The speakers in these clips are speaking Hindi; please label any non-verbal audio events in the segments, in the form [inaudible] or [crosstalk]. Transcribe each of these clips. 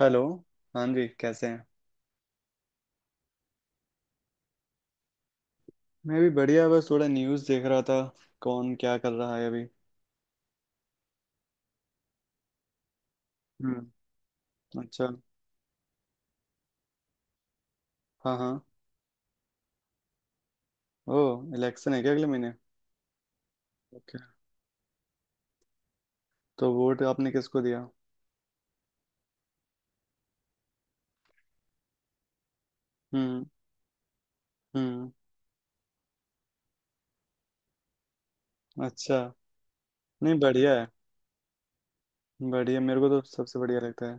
हेलो। हाँ जी, कैसे हैं? मैं भी बढ़िया, बस थोड़ा न्यूज़ देख रहा था। कौन क्या कर रहा है अभी? हम्म। अच्छा। हाँ हाँ। ओ, इलेक्शन है क्या अगले महीने? ओके। तो वोट आपने किसको दिया? हम्म। हम्म। अच्छा। नहीं, बढ़िया है। बढ़िया, मेरे को तो सबसे बढ़िया लगता है।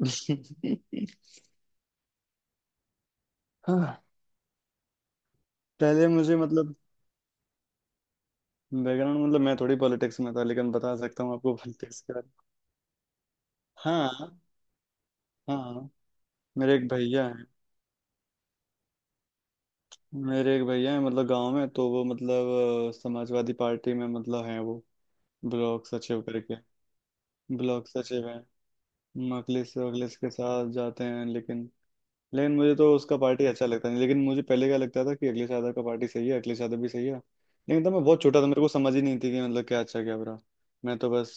[laughs] हाँ। पहले मुझे मतलब बैकग्राउंड मतलब मैं थोड़ी पॉलिटिक्स में था, लेकिन बता सकता हूँ आपको पॉलिटिक्स के बारे में। हाँ हाँ। मेरे एक भैया हैं, मेरे एक भैया हैं, मतलब गांव में तो वो मतलब समाजवादी पार्टी में मतलब हैं वो, ब्लॉक सचिव करके। ब्लॉक सचिव हैं। मखलिस वखलिस के साथ जाते हैं, लेकिन लेकिन मुझे तो उसका पार्टी अच्छा लगता नहीं। लेकिन मुझे पहले क्या लगता था कि अखिलेश यादव का पार्टी सही है, अखिलेश यादव भी सही है। लेकिन तब मैं बहुत छोटा था, मेरे को समझ ही नहीं थी कि मतलब क्या अच्छा क्या बुरा। मैं तो बस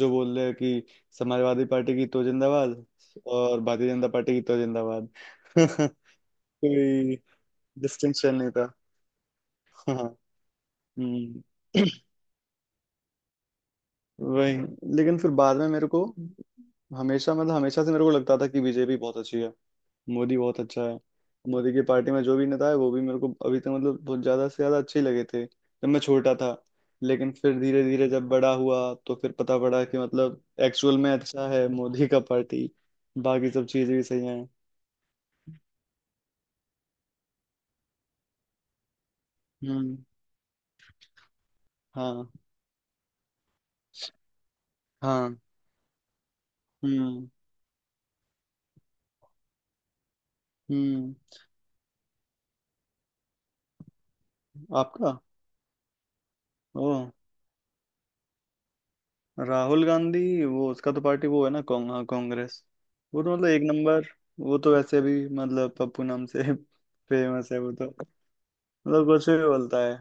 जो बोल रहे हैं कि समाजवादी पार्टी की तो जिंदाबाद और भारतीय जनता पार्टी की तो जिंदाबाद। [laughs] कोई डिस्टिंक्शन नहीं था। [laughs] हाँ। हम्म। वही। लेकिन फिर बाद में मेरे को हमेशा से मेरे को लगता था कि बीजेपी बहुत अच्छी है, मोदी बहुत अच्छा है। मोदी की पार्टी में जो भी नेता है वो भी मेरे को अभी तक मतलब बहुत ज्यादा से ज्यादा अच्छे ही लगे थे जब मैं छोटा था। लेकिन फिर धीरे धीरे जब बड़ा हुआ तो फिर पता पड़ा कि मतलब एक्चुअल में अच्छा है मोदी का पार्टी। बाकी सब चीजें भी सही हैं। हम्म। हाँ हाँ। हम्म हम्म। आपका। ओ। राहुल गांधी, वो उसका तो पार्टी वो है ना हाँ, कांग्रेस। वो तो मतलब एक नंबर। वो तो वैसे भी मतलब पप्पू नाम से [laughs] फेमस है वो तो। मतलब कुछ भी बोलता है।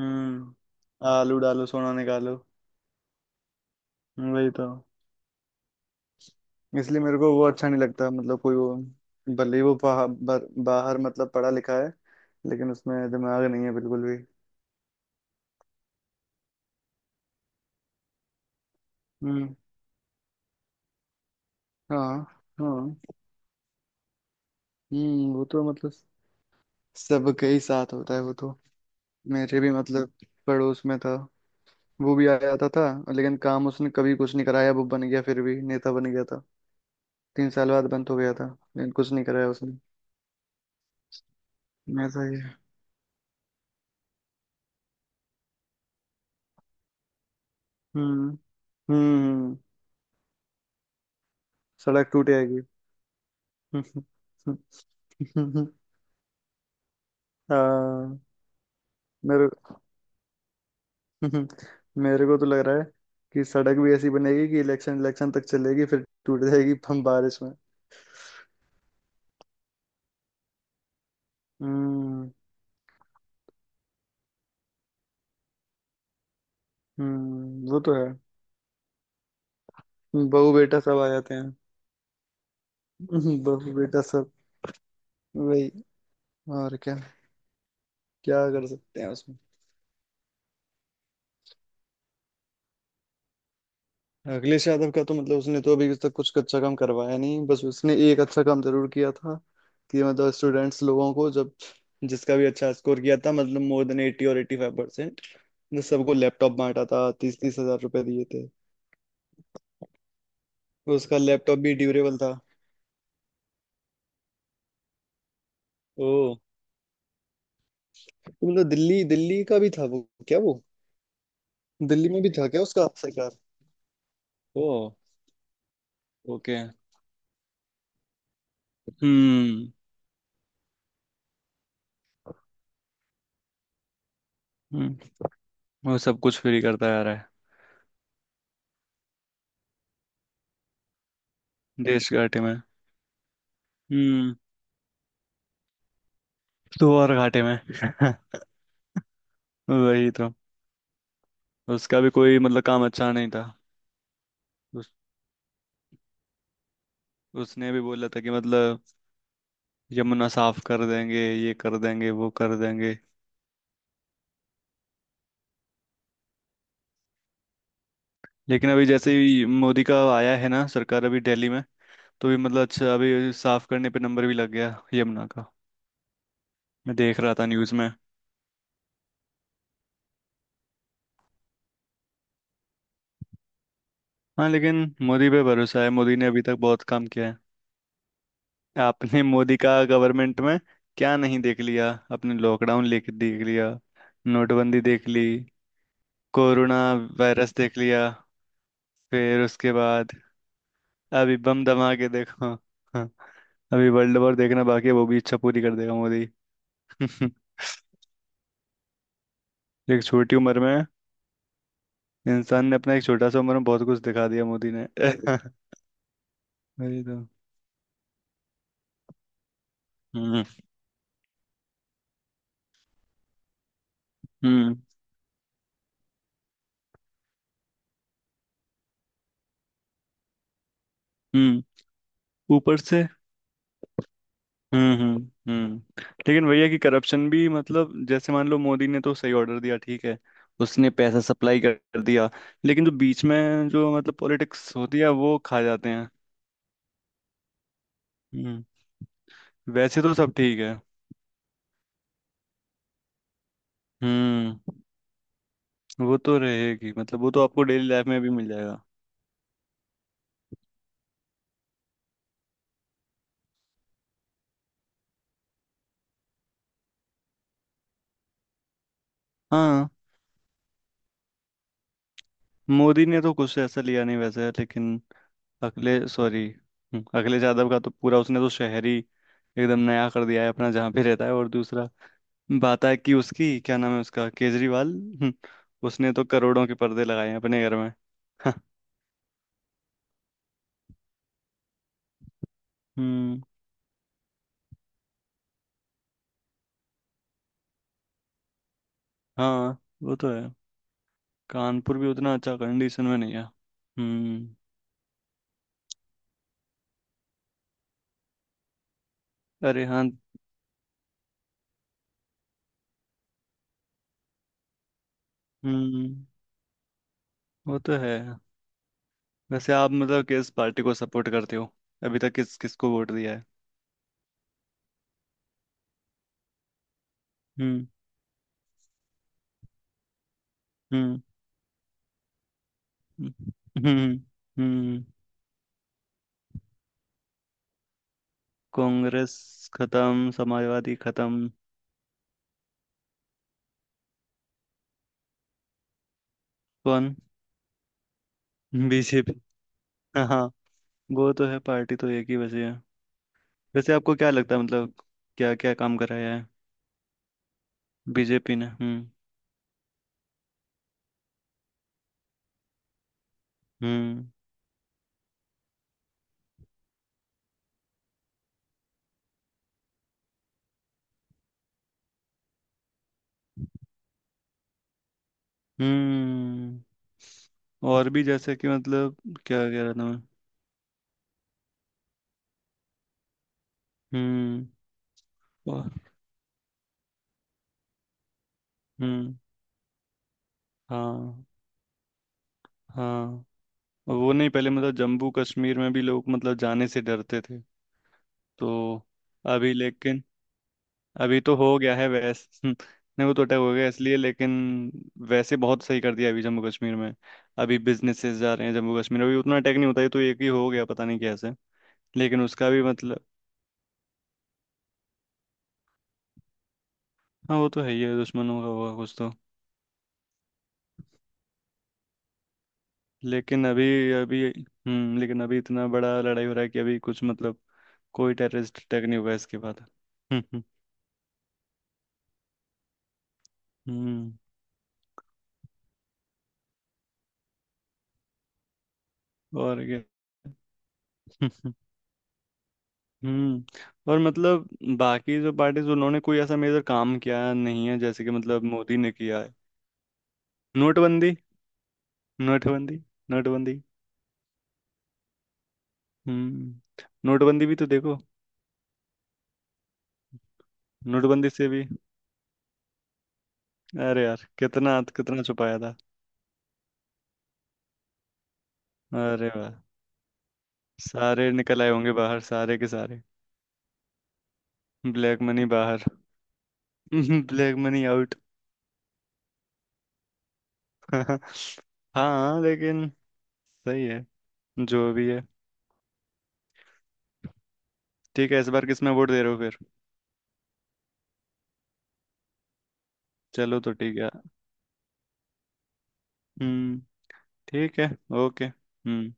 हम्म। आलू डालो सोना निकालो। वही तो। इसलिए मेरे को वो अच्छा नहीं लगता, मतलब कोई वो भले ही वो बाहर, बाहर मतलब पढ़ा लिखा है, लेकिन उसमें दिमाग नहीं है बिल्कुल भी। हम्म। हाँ हाँ। हम्म। वो तो मतलब सबके ही साथ होता है वो तो। मेरे भी मतलब पड़ोस में था, वो भी आ जाता था, लेकिन काम उसने कभी कुछ नहीं कराया। वो बन गया, फिर भी नेता बन गया था। 3 साल बाद बंद हो गया था, लेकिन कुछ नहीं कराया उसने। ऐसा ही है। हम्म। हम्म। सड़क टूट जाएगी। [laughs] हाँ। मेरे, मेरे को तो लग रहा है कि सड़क भी ऐसी बनेगी कि इलेक्शन इलेक्शन तक चलेगी, फिर टूट जाएगी हम बारिश में। हम्म। हम्म। वो तो है, बहू बेटा सब आ जाते हैं। [laughs] बहू बेटा सब। वही। और क्या, क्या कर सकते हैं उसमें। अखिलेश यादव का तो मतलब उसने तो अभी तक कुछ अच्छा काम करवाया नहीं, बस उसने एक अच्छा काम जरूर किया था कि मतलब स्टूडेंट्स लोगों को जब जिसका भी अच्छा स्कोर किया था, मतलब मोर देन 80 और 85%, सबको लैपटॉप बांटा था, तीस तीस हजार रुपए दिए थे। उसका लैपटॉप भी ड्यूरेबल था। ओ। तो मतलब दिल्ली, दिल्ली का भी था वो, क्या वो दिल्ली में भी था क्या उसका सरकार? ओ। ओके। हम्म। हम्म, वो सब कुछ फ्री करता आ रहा है। देश के आटे में। हम्म। दो और घाटे में। [laughs] वही तो। उसका भी कोई मतलब काम अच्छा नहीं था। उस, उसने भी बोला था कि मतलब यमुना साफ कर देंगे, ये कर देंगे, वो कर देंगे। लेकिन अभी जैसे ही मोदी का आया है ना सरकार अभी दिल्ली में, तो भी मतलब अच्छा, अभी साफ करने पे नंबर भी लग गया यमुना का। मैं देख रहा था न्यूज़ में। हाँ, लेकिन मोदी पे भरोसा है, मोदी ने अभी तक बहुत काम किया है। आपने मोदी का गवर्नमेंट में क्या नहीं देख लिया? अपने लॉकडाउन लेके देख लिया, नोटबंदी देख ली, कोरोना वायरस देख लिया, फिर उसके बाद अभी बम धमाके देखो। हाँ, अभी वर्ल्ड वॉर देखना बाकी है, वो भी इच्छा पूरी कर देगा मोदी। [laughs] एक छोटी उम्र में इंसान ने अपना एक छोटा सा उम्र में बहुत कुछ दिखा दिया मोदी ने। [laughs] वही तो। हम्म हम्म हम्म। ऊपर से। हम्म। लेकिन भैया कि करप्शन भी मतलब जैसे मान लो मोदी ने तो सही ऑर्डर दिया, ठीक है, उसने पैसा सप्लाई कर कर दिया, लेकिन जो बीच में जो मतलब पॉलिटिक्स होती है वो खा जाते हैं। हम्म। वैसे तो सब ठीक है। हम्म। वो तो रहेगी, मतलब वो तो आपको डेली लाइफ में भी मिल जाएगा। हाँ। मोदी ने तो कुछ ऐसा लिया नहीं वैसे, लेकिन अखिलेश, सॉरी, अखिलेश यादव का तो पूरा उसने तो शहर ही एकदम नया कर दिया है अपना जहाँ पे रहता है। और दूसरा बात है कि उसकी क्या नाम है उसका, केजरीवाल, उसने तो करोड़ों के पर्दे लगाए हैं अपने घर में। [laughs] हम्म। हाँ, वो तो है। कानपुर भी उतना अच्छा कंडीशन में नहीं है। हम्म। अरे हाँ। हम्म। वो तो है। वैसे आप मतलब किस पार्टी को सपोर्ट करते हो? अभी तक किस किस को वोट दिया है? हम्म। हम्म। हम्म। हम्म। हम्म। कांग्रेस खत्म, समाजवादी खत्म। कौन? बीजेपी। हाँ, वो तो है, पार्टी तो एक ही बची है। वैसे आपको क्या लगता है मतलब क्या क्या काम कराया है बीजेपी ने? हम्म हम्म। और भी जैसे कि मतलब, क्या कह रहा था मैं। हम्म। और- हम्म। हाँ हाँ। वो नहीं, पहले मतलब जम्मू कश्मीर में भी लोग मतलब जाने से डरते थे तो। अभी लेकिन अभी तो हो गया है वैसे। [laughs] नहीं, वो तो अटैक हो गया इसलिए, लेकिन वैसे बहुत सही कर दिया अभी जम्मू कश्मीर में। अभी बिजनेसेस जा रहे हैं जम्मू कश्मीर में, अभी उतना अटैक नहीं होता है तो एक ही हो गया, पता नहीं कैसे। लेकिन उसका भी मतलब, हाँ वो तो है ही है, दुश्मनों का होगा कुछ तो। लेकिन अभी इतना बड़ा लड़ाई हो रहा है कि अभी कुछ मतलब कोई टेररिस्ट अटैक नहीं होगा इसके बाद। [laughs] हम्म हम्म हम्म, और क्या। [laughs] हम्म। और मतलब बाकी जो पार्टीज उन्होंने कोई ऐसा मेजर काम किया नहीं है जैसे कि मतलब मोदी ने किया है। नोटबंदी, नोटबंदी, नोटबंदी। हम्म। नोटबंदी भी तो देखो। नोटबंदी से भी अरे यार कितना कितना छुपाया था। अरे वाह, सारे निकल आए होंगे बाहर, सारे के सारे। ब्लैक मनी बाहर। [laughs] Black money out. [laughs] हाँ, लेकिन सही है, जो भी है। ठीक है। इस बार किस में वोट दे रहे हो फिर? चलो, तो ठीक है। हम्म। ठीक है। ओके। हम्म।